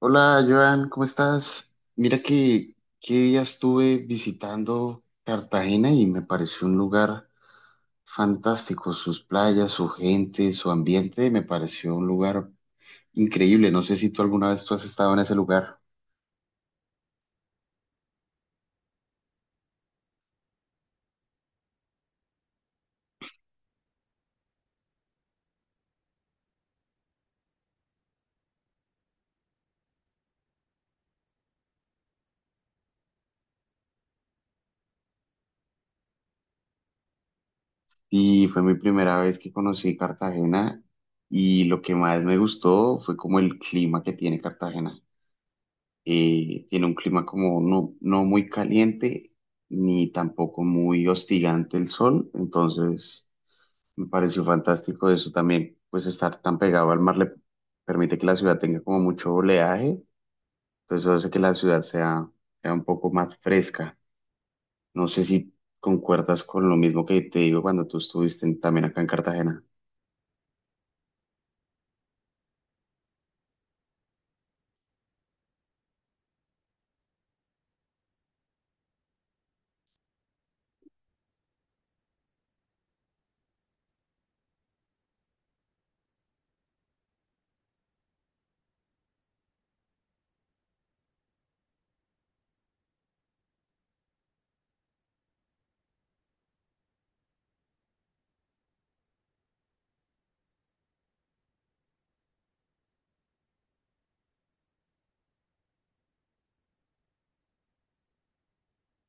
Hola, Joan, ¿cómo estás? Mira que qué día estuve visitando Cartagena y me pareció un lugar fantástico. Sus playas, su gente, su ambiente, me pareció un lugar increíble. No sé si tú alguna vez tú has estado en ese lugar. Y fue mi primera vez que conocí Cartagena y lo que más me gustó fue como el clima que tiene Cartagena. Tiene un clima como no muy caliente ni tampoco muy hostigante el sol, entonces me pareció fantástico eso también, pues estar tan pegado al mar le permite que la ciudad tenga como mucho oleaje, entonces eso hace que la ciudad sea un poco más fresca. No sé si concuerdas con lo mismo que te digo cuando tú también acá en Cartagena.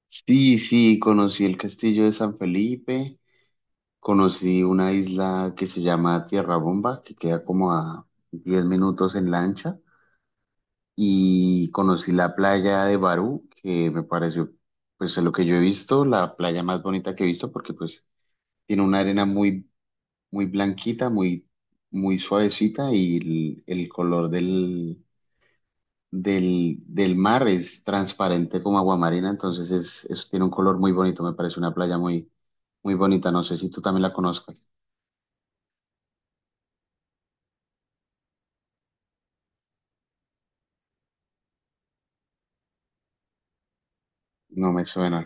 Sí, sí, conocí el castillo de San Felipe. Conocí una isla que se llama Tierra Bomba, que queda como a 10 minutos en lancha, y conocí la playa de Barú, que me pareció, pues, de lo que yo he visto, la playa más bonita que he visto, porque pues tiene una arena muy blanquita, muy suavecita, y el color del mar es transparente como aguamarina, entonces tiene un color muy bonito, me parece una playa muy bonita, no sé si tú también la conozcas, no me suena.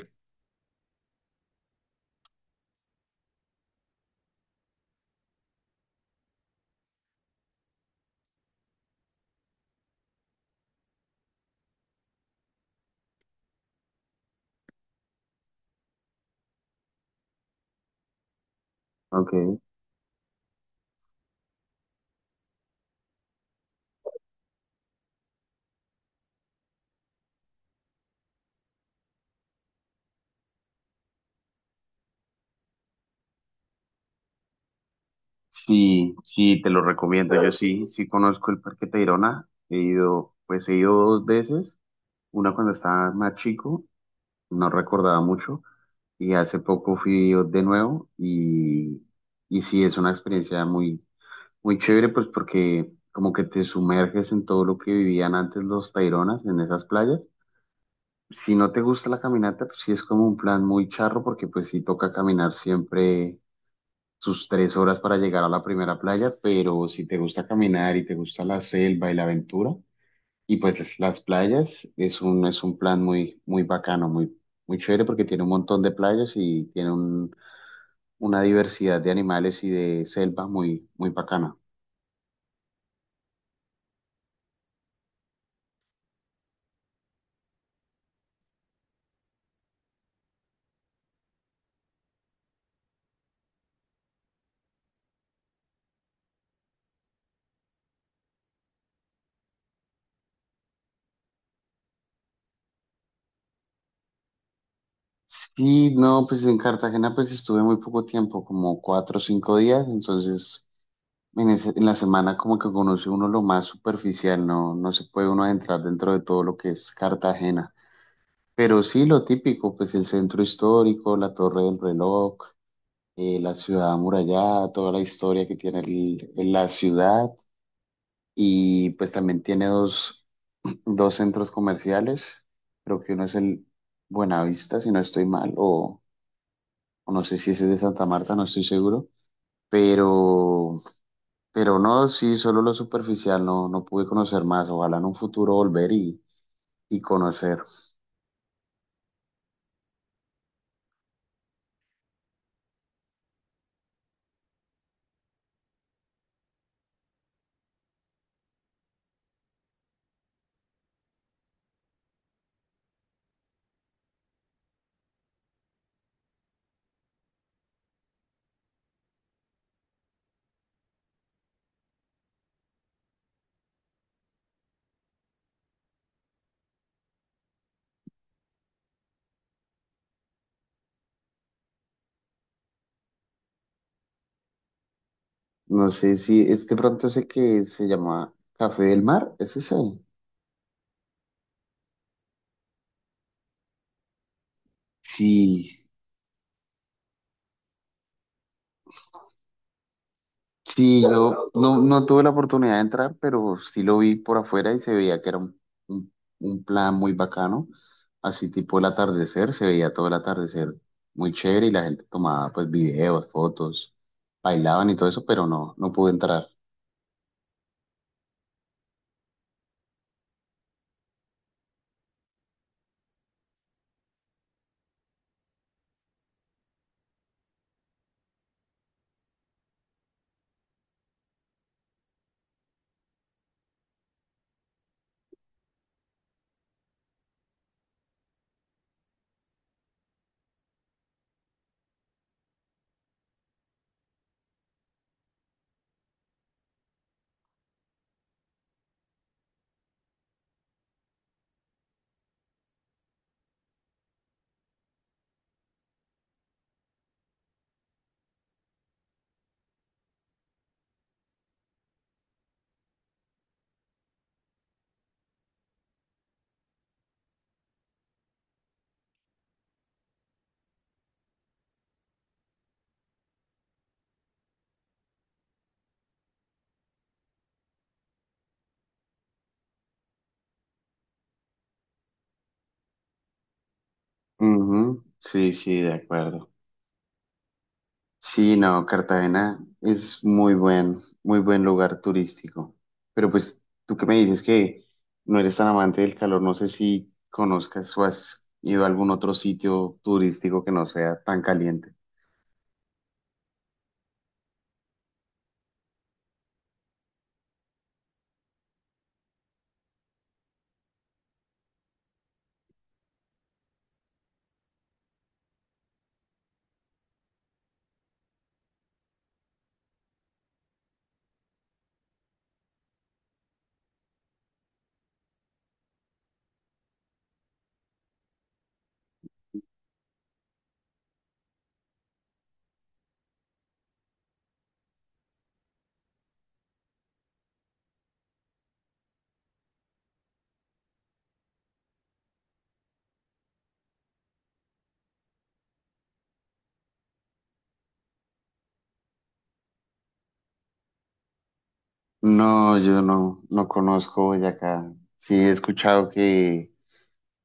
Ok. Sí, sí, te lo recomiendo. Yo sí, sí conozco el Parque Tayrona. He ido, pues he ido dos veces. Una cuando estaba más chico, no recordaba mucho. Y hace poco fui de nuevo y sí, es una experiencia muy chévere, pues porque como que te sumerges en todo lo que vivían antes los Taironas en esas playas. Si no te gusta la caminata, pues sí es como un plan muy charro porque pues sí toca caminar siempre sus 3 horas para llegar a la primera playa, pero si te gusta caminar y te gusta la selva y la aventura, y las playas, es un plan muy, muy bacano, muy chévere porque tiene un montón de playas y tiene una diversidad de animales y de selva muy, muy bacana. Sí, no, pues en Cartagena pues estuve muy poco tiempo, como 4 o 5 días, entonces en la semana como que conoce uno lo más superficial, no se puede uno adentrar dentro de todo lo que es Cartagena. Pero sí, lo típico, pues el centro histórico, la Torre del Reloj, la ciudad amurallada, toda la historia que tiene la ciudad y pues también tiene dos centros comerciales, creo que uno es el Buenavista, si no estoy mal, o no sé si ese es de Santa Marta, no estoy seguro, pero, pero no, sí, solo lo superficial, no pude conocer más, ojalá en un futuro volver y conocer. No sé si es de pronto sé que se llama Café del Mar, ¿es ese? Sí, sí, yo no tuve la oportunidad de entrar, pero sí lo vi por afuera y se veía que era un- un plan muy bacano, así tipo el atardecer, se veía todo el atardecer muy chévere y la gente tomaba pues videos, fotos, bailaban y todo eso, pero no, no pude entrar. Ujú, sí, sí, de acuerdo. Sí, no, Cartagena es muy buen lugar turístico. Pero pues tú que me dices que no eres tan amante del calor, no sé si conozcas o has ido a algún otro sitio turístico que no sea tan caliente. No, yo no conozco Boyacá. Sí, he escuchado que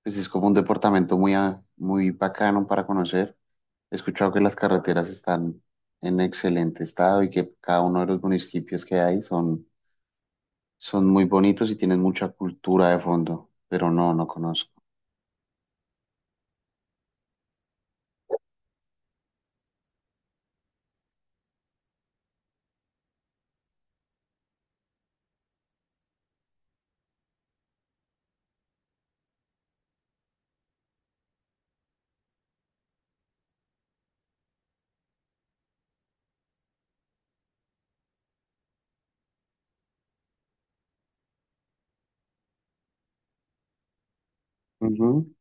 pues, es como un departamento muy bacano para conocer. He escuchado que las carreteras están en excelente estado y que cada uno de los municipios que hay son muy bonitos y tienen mucha cultura de fondo, pero no, no conozco. Ujú,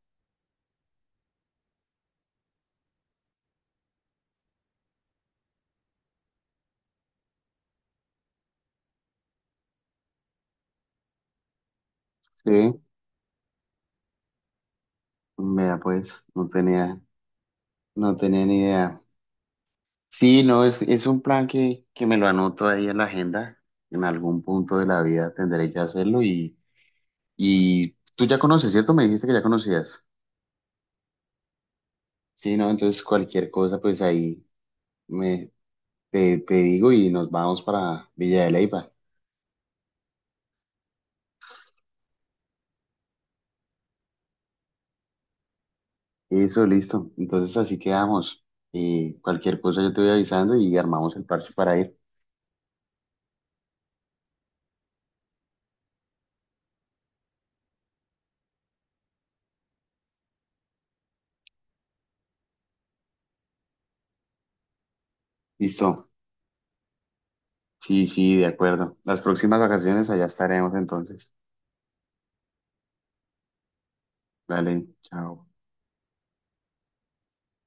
sí, vea pues, no tenía ni idea. Sí, no, es un plan que me lo anoto ahí en la agenda. En algún punto de la vida tendré que hacerlo y tú ya conoces, ¿cierto? Me dijiste que ya conocías. Sí, no, entonces cualquier cosa, pues ahí me, te digo y nos vamos para Villa de Leyva. Eso, listo. Entonces así quedamos. Cualquier cosa yo te voy avisando y armamos el parche para ir. Listo. Sí, sí, de acuerdo. Las próximas vacaciones allá estaremos entonces. Dale, chao.